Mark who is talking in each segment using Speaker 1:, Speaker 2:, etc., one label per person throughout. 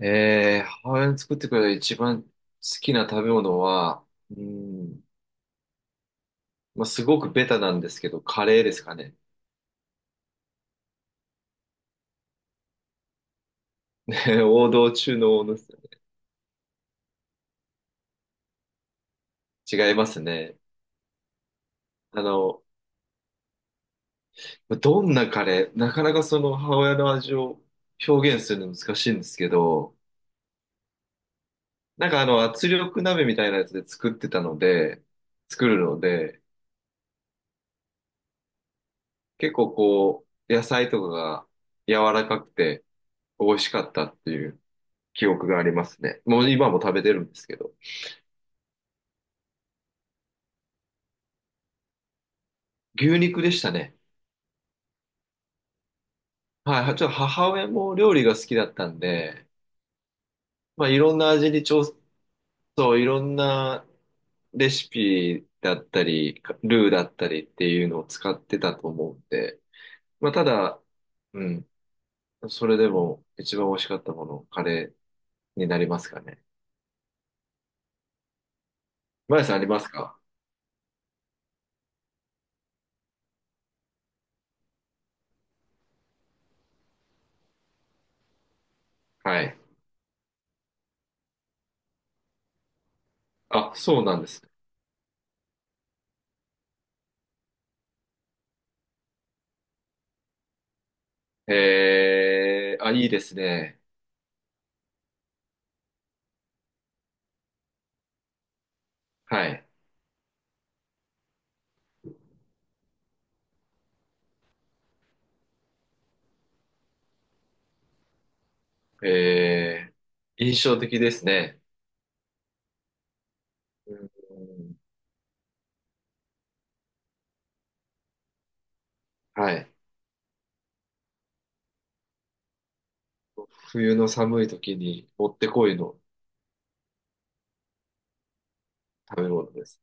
Speaker 1: 母親に作ってくれた一番好きな食べ物は、うん、まあ、すごくベタなんですけど、カレーですかね。王道中の王道です。違いますね。あの、どんなカレー、なかなかその母親の味を表現するの難しいんですけど、なんか圧力鍋みたいなやつで作ってたので、作るので、結構こう、野菜とかが柔らかくて美味しかったっていう記憶がありますね。もう今も食べてるんですけど。牛肉でしたね。はい、はちょっと母親も料理が好きだったんで、まあ、いろんな味に調そう、いろんなレシピだったり、かルーだったりっていうのを使ってたと思うんで、まあ、ただ、うん、それでも一番美味しかったもの、カレーになりますかね。マヤさんありますか？はい。あ、そうなんです。えー、あ、いいですね。はい。えー、印象的ですね。うん、はい。冬の寒い時にもってこいの食べ物です。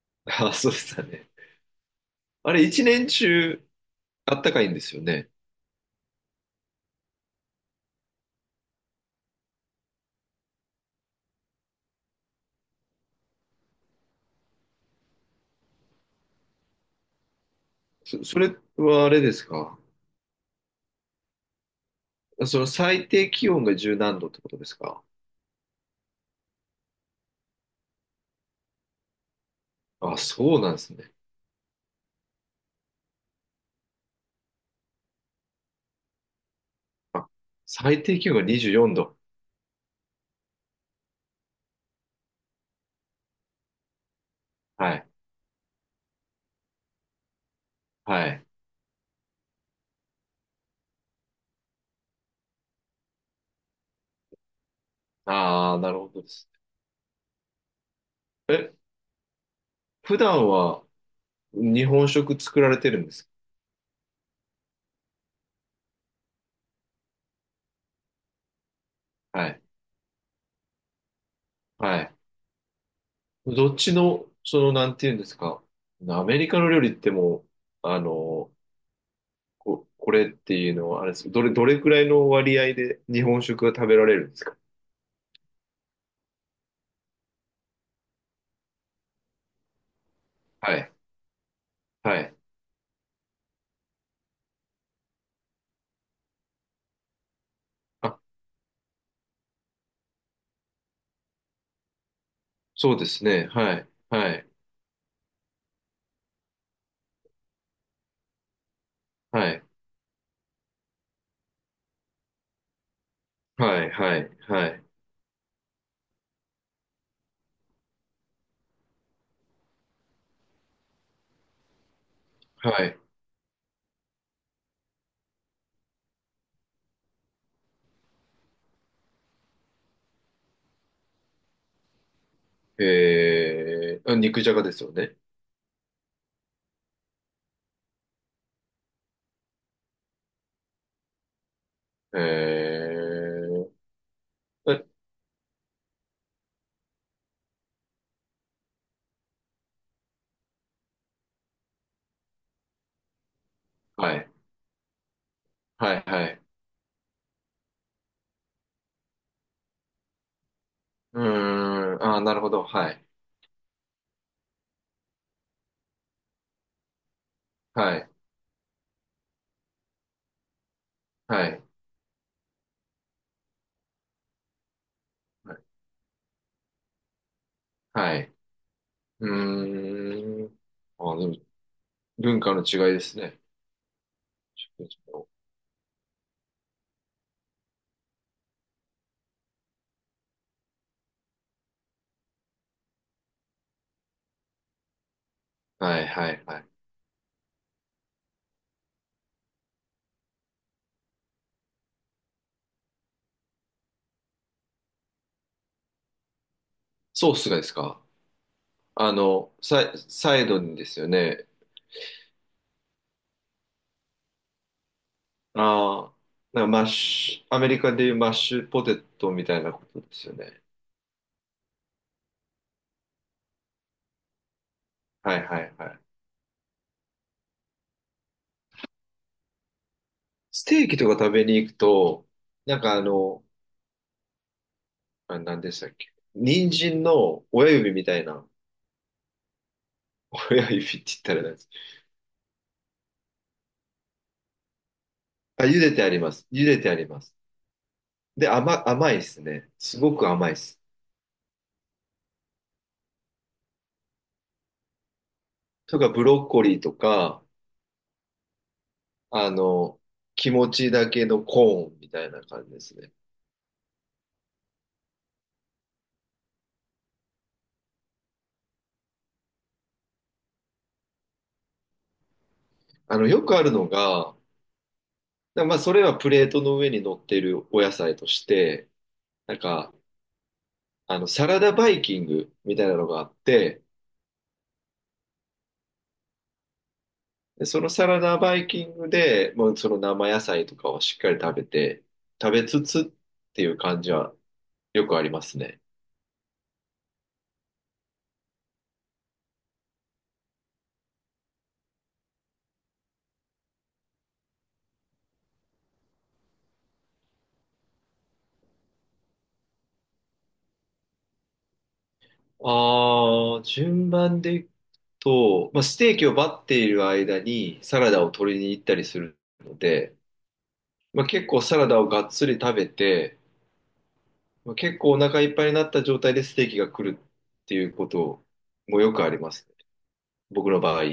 Speaker 1: ああ、そうでしたね。あれ、一年中あったかいんですよね。そ、それはあれですか？その最低気温が十何度ってことですか？あ、そうなんですね。あ、最低気温が24度。はい。はい。ああ、なるほどです。え、普段は日本食作られてるんですか？はい。はい。どっちの、その、なんていうんですか。アメリカの料理ってもう、あの、こ、これっていうのは、あれですか、どれ、どれくらいの割合で日本食が食べられるんですか？はい、はい。あ、そうですね。はい、はい、はい、はい、はい、はい、はい。えー、あ肉じゃがですよね。えー、え、はい、はい、はい。うーん、あー、なるほど。はい、はい、はい、はい。はい、うーん。あー、なるほど、はい、はい、はい、はい、うーん、あ、でも文化の違いですね。はい、はい、はい。ソースがですか？あの、サイ、サイドにですよね。ああ、なんかマッシュ、アメリカでいうマッシュポテトみたいなことですよね。はいはいはい。ステーキとか食べに行くと、なんかあの、あ、何でしたっけ。人参の親指みたいな、親指って言ったらなんです。あ、茹でてあります。茹でてあります。で、甘、甘いですね。すごく甘いです。とか、ブロッコリーとか、あの、気持ちだけのコーンみたいな感じですね。あの、よくあるのが、だまあ、それはプレートの上に乗っているお野菜として、なんか、サラダバイキングみたいなのがあって、でそのサラダバイキングで、もうその生野菜とかをしっかり食べて、食べつつっていう感じはよくありますね。ああ、順番でいくと、まあ、ステーキをバッている間にサラダを取りに行ったりするので、まあ、結構サラダをがっつり食べて、まあ、結構お腹いっぱいになった状態でステーキが来るっていうこともよくありますね。僕の場合。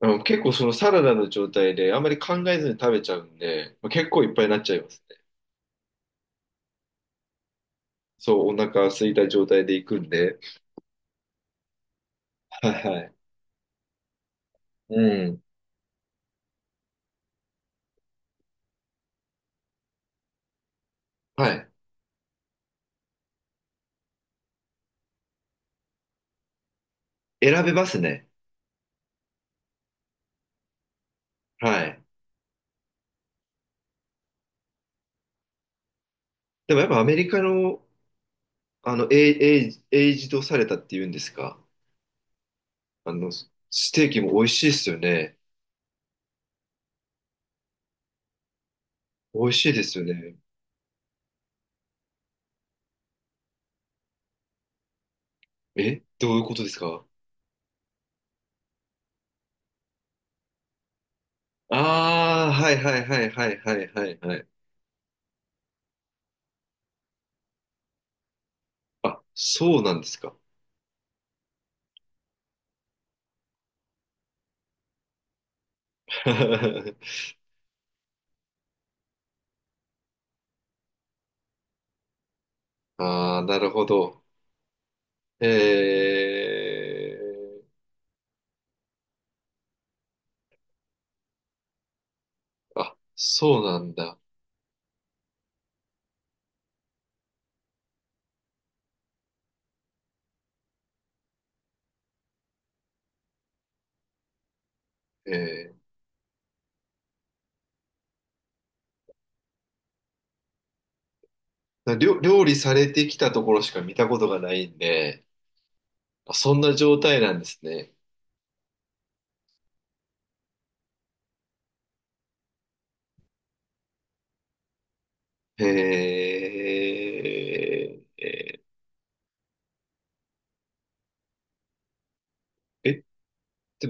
Speaker 1: あの結構そのサラダの状態であんまり考えずに食べちゃうんで、まあ、結構いっぱいになっちゃいますね。そう、お腹空いた状態で行くんで。はいはい。うん。はい。選べますね。はい。でもやっぱアメリカの、あの、エイ、エイエイジドされたっていうんですか。ステーキも美味しいですよね。美味しいですよね。え、どういうことですか？ああ、はいはいはいはいはいはいはい。あ、そうなんですか。ああ、なるほど。ええ、あ、そうなんだ。ええ、料料理されてきたところしか見たことがないんで、あ、そんな状態なんですね。ええ、え、で、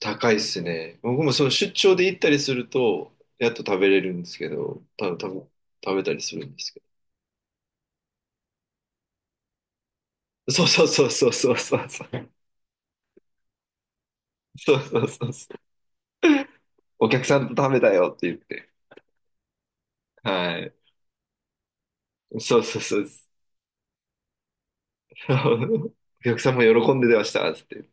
Speaker 1: 高いっすね。僕もその出張で行ったりすると、やっと食べれるんですけど、た多分食べたりするんですけど。そうそうそうそうそうそう。そうそうそうそう。お客さんと食べたよって言って。はい。そうそうそうです。お客さんも喜んでましたっつって。